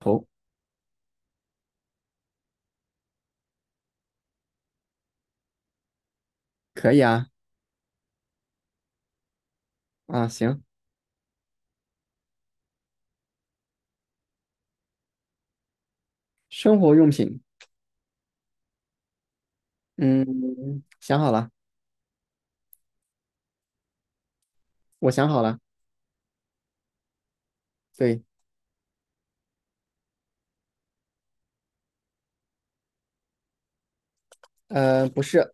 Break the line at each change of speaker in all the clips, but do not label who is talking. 头，可以啊。啊，行。生活用品。嗯，想好了。我想好了。对。不是。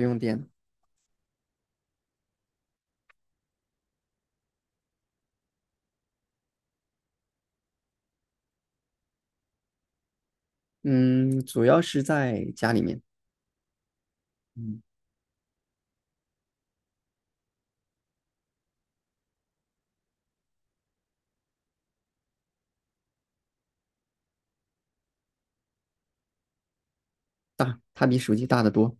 不用电。嗯，主要是在家里面。嗯，大，它比手机大得多。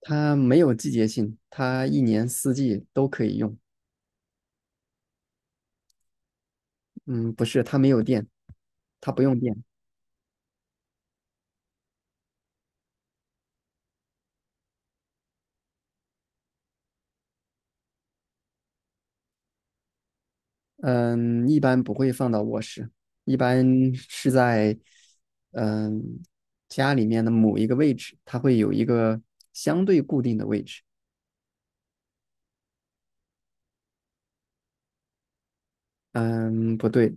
它没有季节性，它一年四季都可以用。嗯，不是，它没有电，它不用电。嗯，一般不会放到卧室，一般是在，嗯，家里面的某一个位置，它会有一个相对固定的位置。嗯，不对。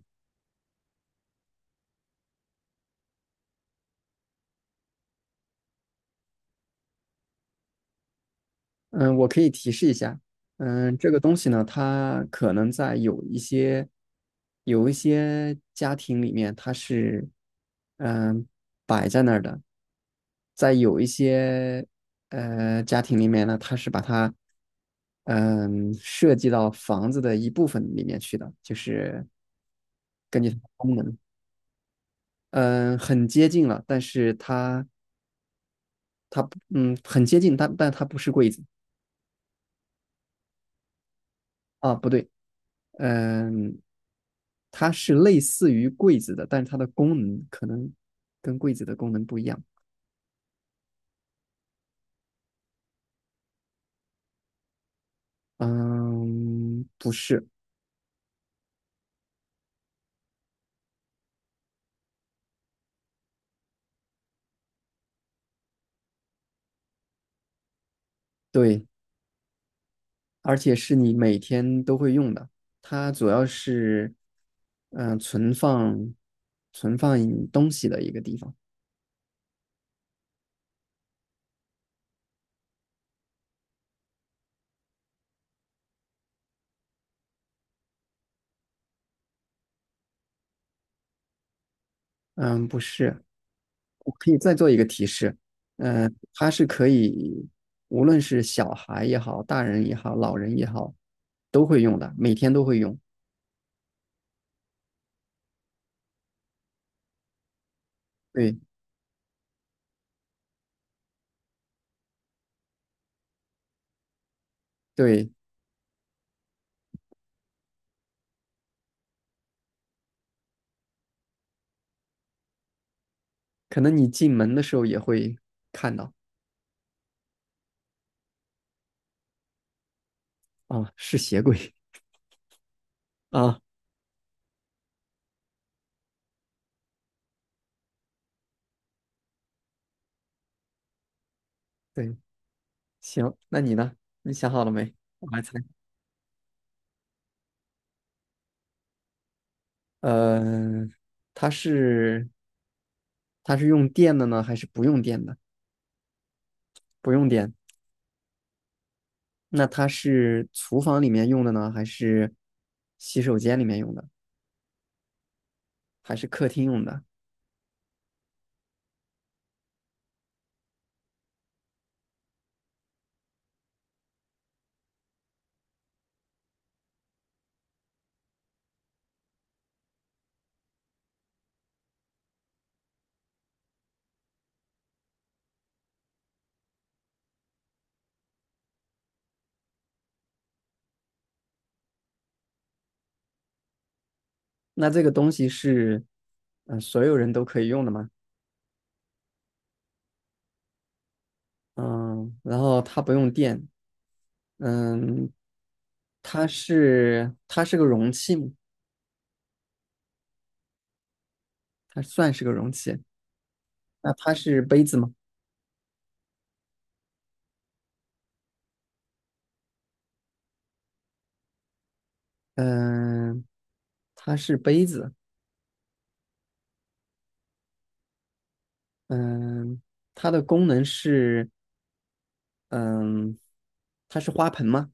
嗯，我可以提示一下。嗯，这个东西呢，它可能在有一些有一些家庭里面，它是嗯摆在那儿的，在有一些家庭里面呢，它是把它设计到房子的一部分里面去的，就是根据它的功能。嗯，很接近了，但是它它不很接近，但它不是柜子啊，不对。嗯，它是类似于柜子的，但是它的功能可能跟柜子的功能不一样。嗯，不是。对，而且是你每天都会用的。它主要是，嗯，存放东西的一个地方。嗯，不是。我可以再做一个提示。嗯，它是可以，无论是小孩也好，大人也好，老人也好，都会用的，每天都会用。对对。可能你进门的时候也会看到啊，是鞋柜啊。对。行，那你呢？你想好了没？我来猜。呃，它是它是用电的呢，还是不用电的？不用电。那它是厨房里面用的呢，还是洗手间里面用的，还是客厅用的？那这个东西是所有人都可以用的吗？嗯，然后它不用电。嗯，它是个容器吗？它算是个容器。那它是杯子吗？嗯，它是杯子。嗯，它的功能是，嗯，它是花盆吗？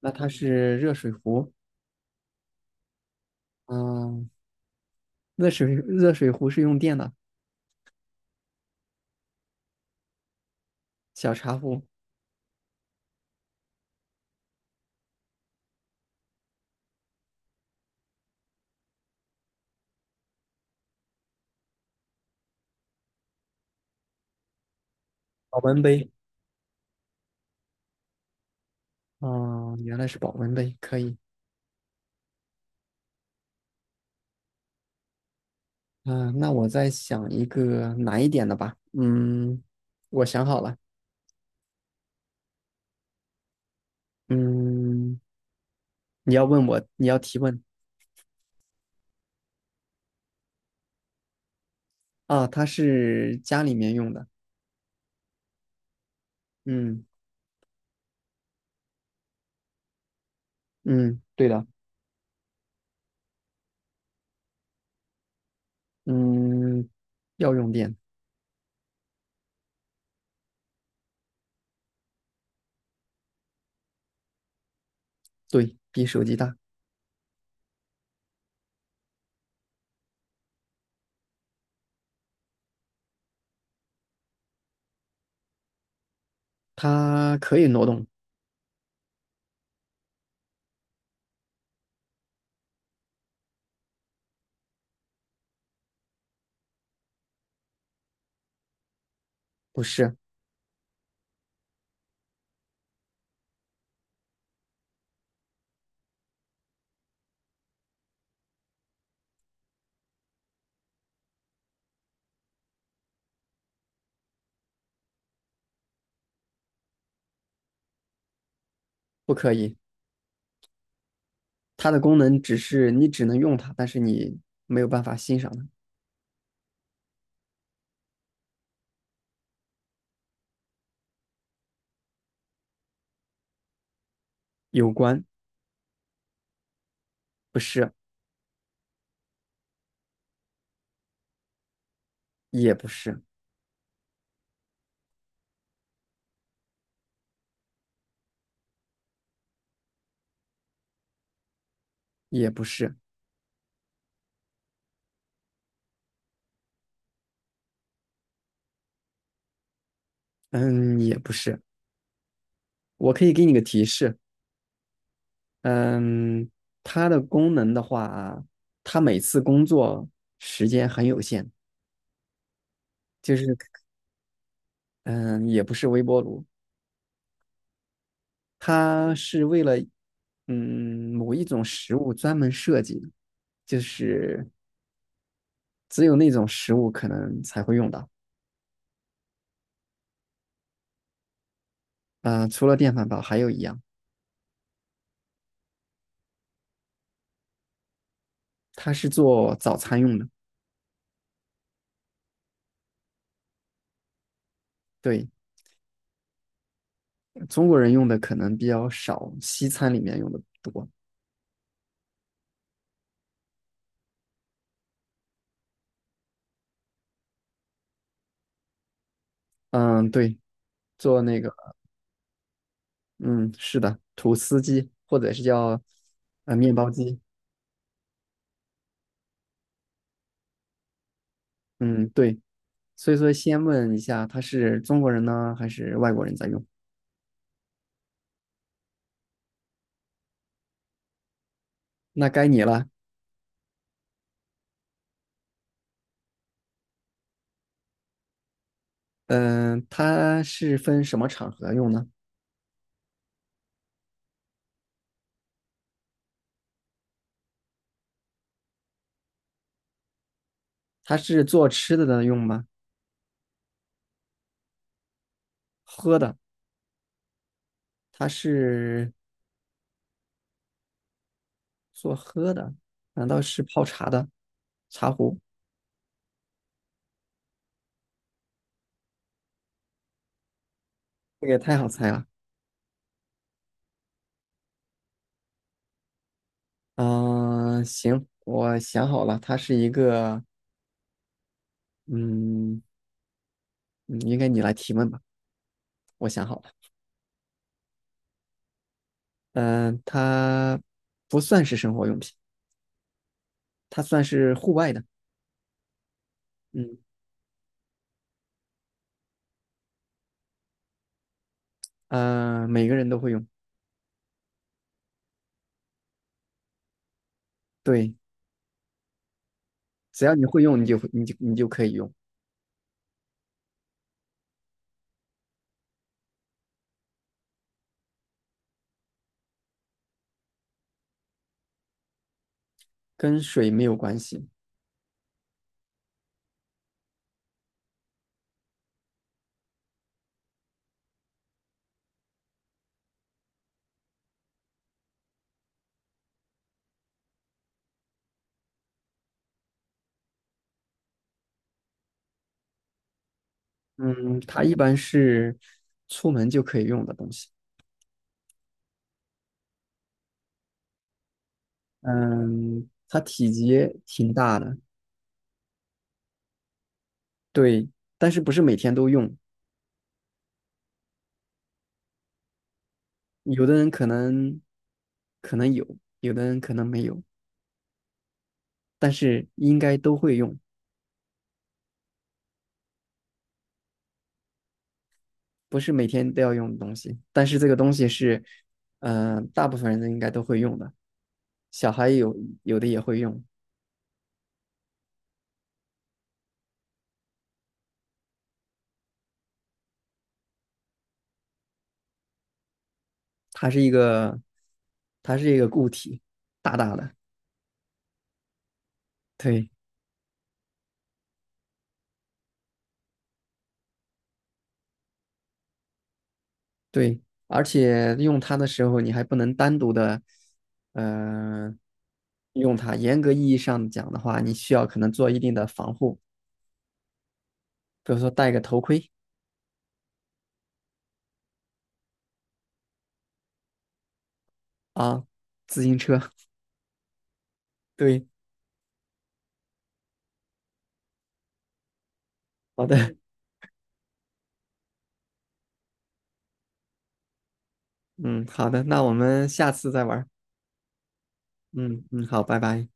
那它是热水壶。嗯，热水壶是用电的，小茶壶，保温杯。哦，原来是保温杯，可以。啊，那我再想一个难一点的吧。嗯，我想好了。嗯，你要问我，你要提问啊？它是家里面用的。嗯。嗯，对的。嗯，要用电。对，比手机大。它可以挪动。不是。不可以，它的功能只是你只能用它，但是你没有办法欣赏它。有关。不是。也不是。也不是。嗯，也不是。我可以给你个提示。嗯，它的功能的话，它每次工作时间很有限。就是，嗯，也不是微波炉，它是为了嗯，某一种食物专门设计，就是只有那种食物可能才会用到。除了电饭煲，还有一样，它是做早餐用的。对。中国人用的可能比较少，西餐里面用的多。嗯，对，做那个。嗯，是的，吐司机或者是叫面包机。嗯，对，所以说先问一下，他是中国人呢，还是外国人在用？那该你了。嗯、它是分什么场合用呢？它是做吃的的用吗？喝的。它是做喝的。难道是泡茶的茶壶？这个也太好猜了。嗯、行，我想好了，它是一个，嗯，嗯应该你来提问吧，我想好了。嗯、它不算是生活用品，它算是户外的。嗯。每个人都会用。对，只要你会用，你就会，你就你就可以用。跟水没有关系。嗯，它一般是出门就可以用的东西。嗯，它体积挺大的。对，但是不是每天都用。有的人可能有，有的人可能没有，但是应该都会用。不是每天都要用的东西。但是这个东西是，嗯、大部分人应该都会用的，小孩有的也会用。它是一个，它是一个固体，大大的。对。对，而且用它的时候，你还不能单独的，呃，用它。严格意义上讲的话，你需要可能做一定的防护，比如说戴个头盔啊，自行车。对。好的。嗯，好的，那我们下次再玩儿。嗯嗯，好，拜拜。